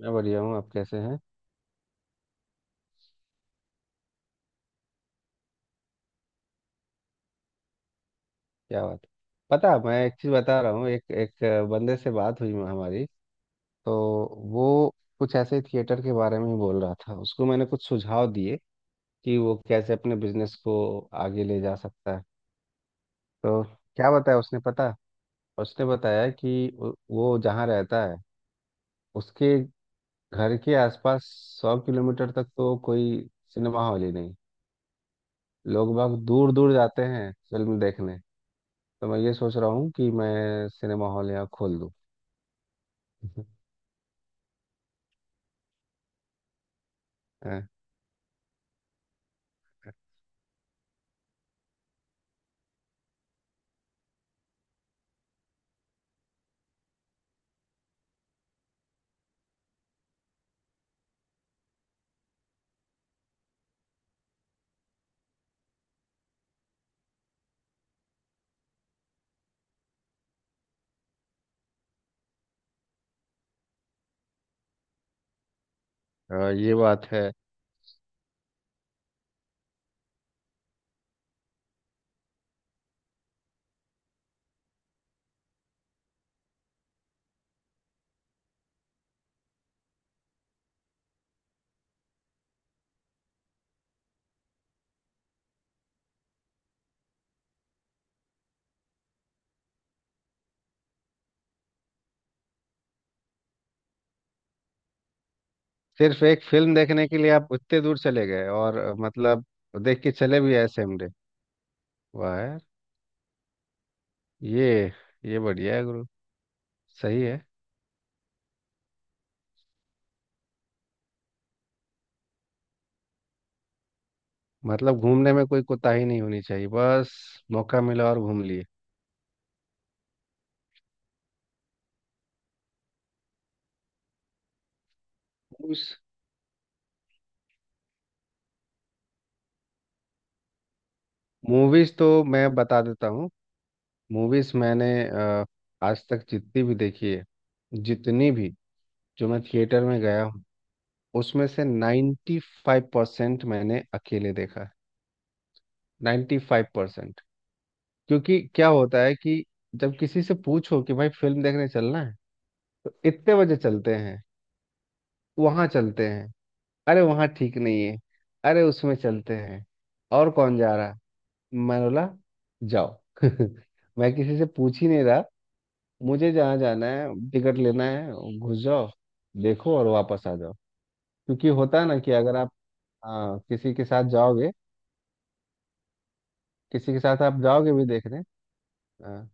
मैं बढ़िया हूँ। आप कैसे हैं? क्या बात। पता, मैं एक चीज़ बता रहा हूँ। एक एक बंदे से बात हुई हमारी, तो वो कुछ ऐसे ही थिएटर के बारे में ही बोल रहा था। उसको मैंने कुछ सुझाव दिए कि वो कैसे अपने बिजनेस को आगे ले जा सकता है। तो क्या बताया उसने पता? उसने बताया कि वो जहाँ रहता है उसके घर के आसपास 100 किलोमीटर तक तो कोई सिनेमा हॉल ही नहीं। लोग बाग दूर दूर जाते हैं फिल्म देखने। तो मैं ये सोच रहा हूँ कि मैं सिनेमा हॉल यहाँ खोल दूँ। अ, ये बात है। सिर्फ एक फिल्म देखने के लिए आप उतने दूर चले गए और मतलब देख के चले भी आए सेम डे। वाह यार। ये ये बढ़िया है गुरु। सही है। मतलब घूमने में कोई कोताही नहीं होनी चाहिए, बस मौका मिला और घूम लिए। मूवीज मूवीज तो मैं बता देता हूँ। मूवीज मैंने आज तक जितनी भी देखी है, जितनी भी जो मैं थिएटर में गया हूँ उसमें से 95% मैंने अकेले देखा। 95%। क्योंकि क्या होता है कि जब किसी से पूछो कि भाई फिल्म देखने चलना है, तो इतने बजे चलते हैं, वहां चलते हैं, अरे वहां ठीक नहीं है, अरे उसमें चलते हैं, और कौन जा रहा है? मैं बोला, जाओ। मैं किसी से पूछ ही नहीं रहा। मुझे जहाँ जाना है टिकट लेना है, घुस जाओ, देखो और वापस आ जाओ। क्योंकि होता है ना कि अगर आप, हाँ, किसी के साथ जाओगे, किसी के साथ आप जाओगे भी देखने। हाँ।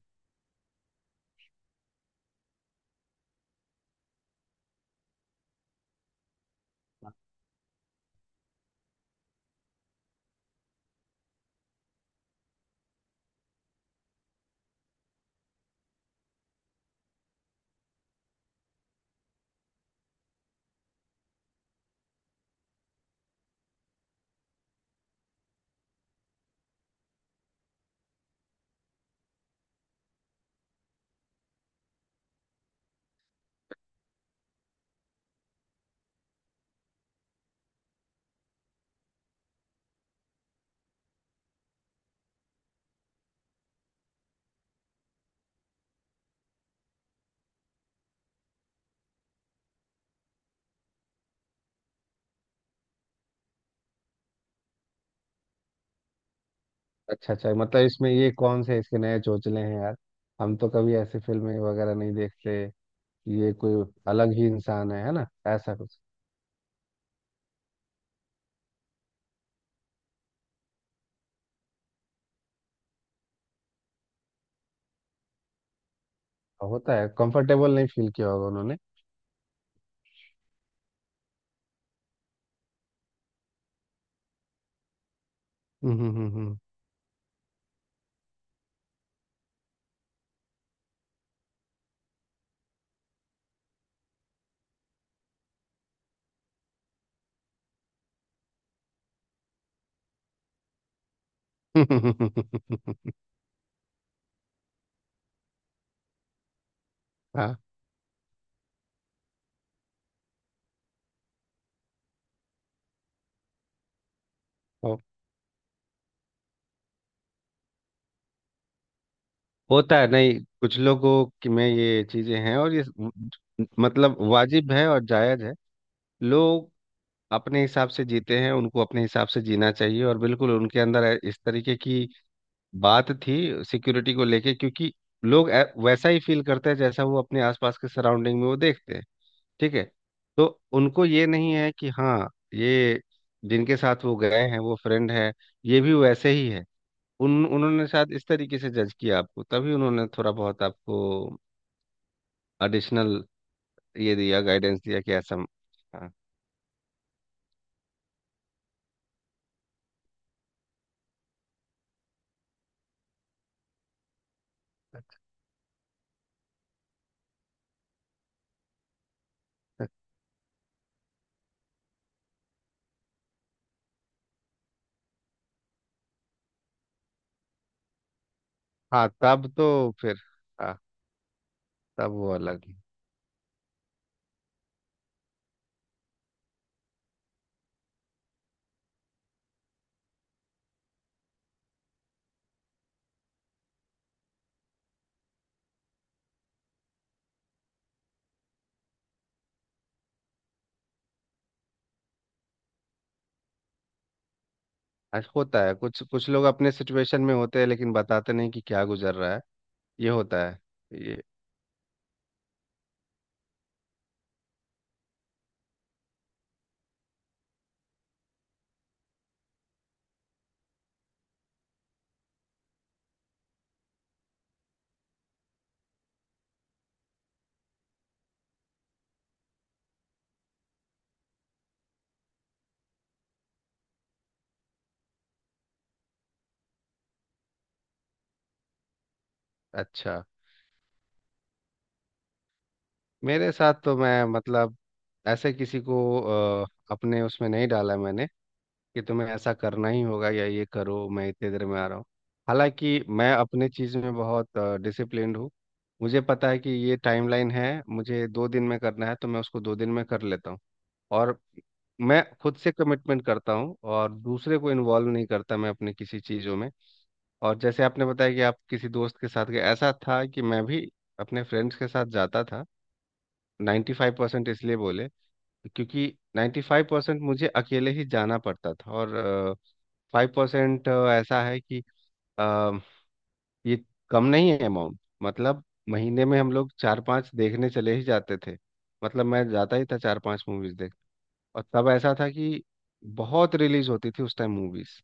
अच्छा अच्छा, मतलब इसमें ये कौन से इसके नए चोचले हैं यार। हम तो कभी ऐसी फिल्में वगैरह नहीं देखते। ये कोई अलग ही इंसान है ना? ऐसा कुछ। होता है, कंफर्टेबल नहीं फील किया होगा उन्होंने। हम्म, हम्म। हाँ। हो। होता है, नहीं, कुछ लोगों की में ये चीजें हैं, और ये मतलब वाजिब है और जायज है। लोग अपने हिसाब से जीते हैं, उनको अपने हिसाब से जीना चाहिए, और बिल्कुल उनके अंदर इस तरीके की बात थी सिक्योरिटी को लेके। क्योंकि लोग वैसा ही फील करते हैं जैसा वो अपने आसपास के सराउंडिंग में वो देखते हैं। ठीक है। तो उनको ये नहीं है कि हाँ ये जिनके साथ वो गए हैं वो फ्रेंड है, ये भी वैसे ही है। उन उन्होंने शायद इस तरीके से जज किया आपको, तभी उन्होंने थोड़ा बहुत आपको एडिशनल ये दिया, गाइडेंस दिया कि ऐसा। हाँ। हाँ, तब तो फिर। हाँ, तब वो अलग है। अच्छा, होता है, कुछ कुछ लोग अपने सिचुएशन में होते हैं लेकिन बताते नहीं कि क्या गुजर रहा है। ये होता है। ये अच्छा। मेरे साथ तो, मैं मतलब ऐसे किसी को अ, अपने उसमें नहीं डाला मैंने कि तुम्हें ऐसा करना ही होगा या ये करो, मैं इतने देर में आ रहा हूँ। हालांकि मैं अपने चीज़ में बहुत डिसिप्लिन्ड हूँ। मुझे पता है कि ये टाइमलाइन है, मुझे 2 दिन में करना है तो मैं उसको 2 दिन में कर लेता हूँ। और मैं खुद से कमिटमेंट करता हूँ और दूसरे को इन्वॉल्व नहीं करता मैं अपने किसी चीज़ों में। और जैसे आपने बताया कि आप किसी दोस्त के साथ गए, ऐसा था कि मैं भी अपने फ्रेंड्स के साथ जाता था। नाइन्टी फाइव परसेंट इसलिए बोले क्योंकि 95% मुझे अकेले ही जाना पड़ता था, और 5% ऐसा है कि अ, ये कम नहीं है अमाउंट, मतलब महीने में हम लोग चार पांच देखने चले ही जाते थे। मतलब मैं जाता ही था चार पांच मूवीज देख। और तब ऐसा था कि बहुत रिलीज होती थी उस टाइम मूवीज।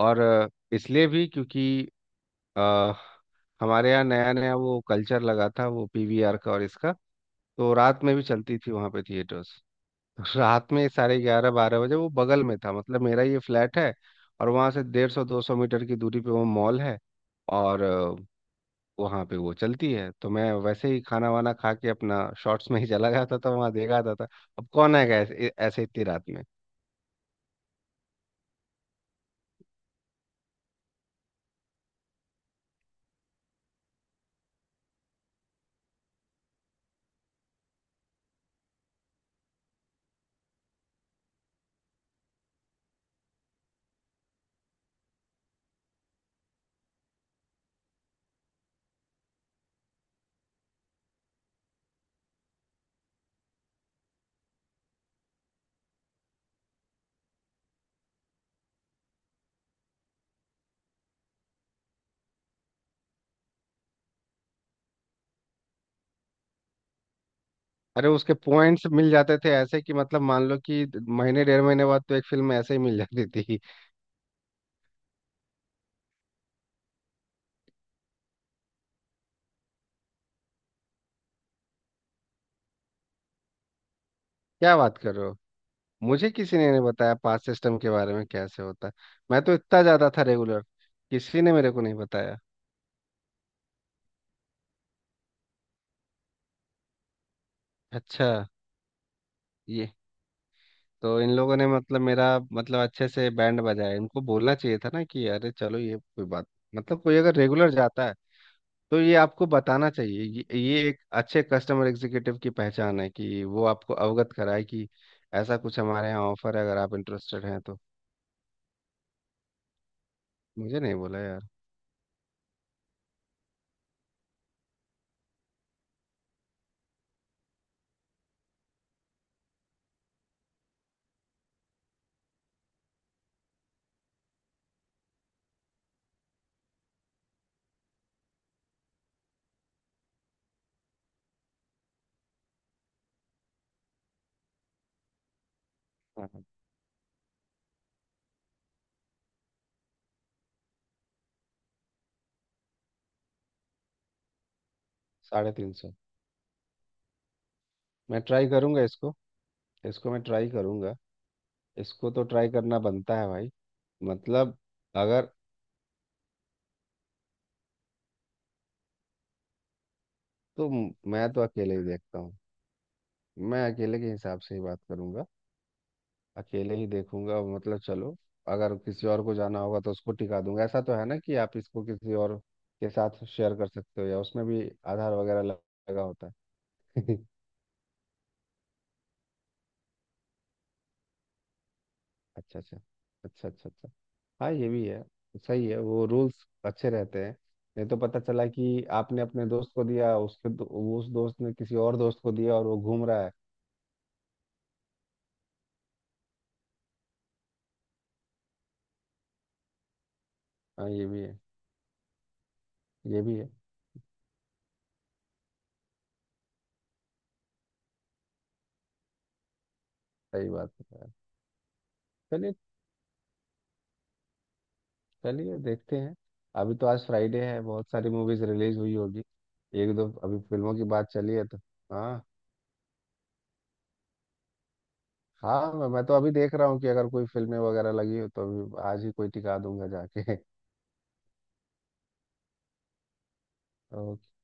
और इसलिए भी क्योंकि आ, हमारे यहाँ नया नया वो कल्चर लगा था वो पीवीआर का और इसका। तो रात में भी चलती थी वहाँ पे थिएटर्स। रात में साढ़े ग्यारह बारह बजे वो बगल में था, मतलब मेरा ये फ्लैट है और वहाँ से 150-200 मीटर की दूरी पे वो मॉल है। और वहाँ पे वो चलती है, तो मैं वैसे ही खाना वाना खा के अपना शॉर्ट्स में ही चला जाता था, तो वहाँ देखा जाता था। अब कौन आएगा ऐसे ऐसे इतनी रात में। अरे उसके पॉइंट्स मिल जाते थे ऐसे कि मतलब मान लो कि महीने डेढ़ महीने बाद तो एक फिल्म ऐसे ही मिल जाती थी। क्या बात कर रहे हो। मुझे किसी ने नहीं बताया पास सिस्टम के बारे में कैसे होता है। मैं तो इतना ज्यादा था रेगुलर। किसी ने मेरे को नहीं बताया। अच्छा। ये तो इन लोगों ने मतलब मेरा मतलब अच्छे से बैंड बजाया। इनको बोलना चाहिए था ना कि अरे चलो ये कोई बात, मतलब कोई अगर रेगुलर जाता है तो ये आपको बताना चाहिए। ये एक अच्छे कस्टमर एग्जीक्यूटिव की पहचान है कि वो आपको अवगत कराए कि ऐसा कुछ हमारे यहाँ ऑफर है, अगर आप इंटरेस्टेड हैं तो। मुझे नहीं बोला यार। हाँ, हाँ। 350। मैं ट्राई करूंगा इसको। इसको मैं ट्राई करूंगा। इसको तो ट्राई करना बनता है भाई। मतलब, अगर, तो मैं तो अकेले ही देखता हूँ। मैं अकेले के हिसाब से ही बात करूंगा, अकेले ही देखूंगा। मतलब चलो, अगर किसी और को जाना होगा तो उसको टिका दूंगा। ऐसा तो है ना कि आप इसको किसी और के साथ शेयर कर सकते हो, या उसमें भी आधार वगैरह लगा होता है? अच्छा अच्छा अच्छा। अच्छा अच्छा। हाँ, ये भी है। सही है, वो रूल्स अच्छे रहते हैं। नहीं तो पता चला कि आपने अपने दोस्त को दिया, उस दोस्त ने किसी और दोस्त को दिया और वो घूम रहा है। हाँ, ये भी है। ये भी है। सही बात है यार। चलिए, चलिए देखते हैं। अभी तो आज फ्राइडे है, बहुत सारी मूवीज रिलीज हुई होगी। एक दो अभी फिल्मों की बात चली है तो, हाँ, हाँ, मैं तो अभी देख रहा हूँ कि अगर कोई फिल्में वगैरह लगी हो तो अभी आज ही कोई टिका दूंगा जाके।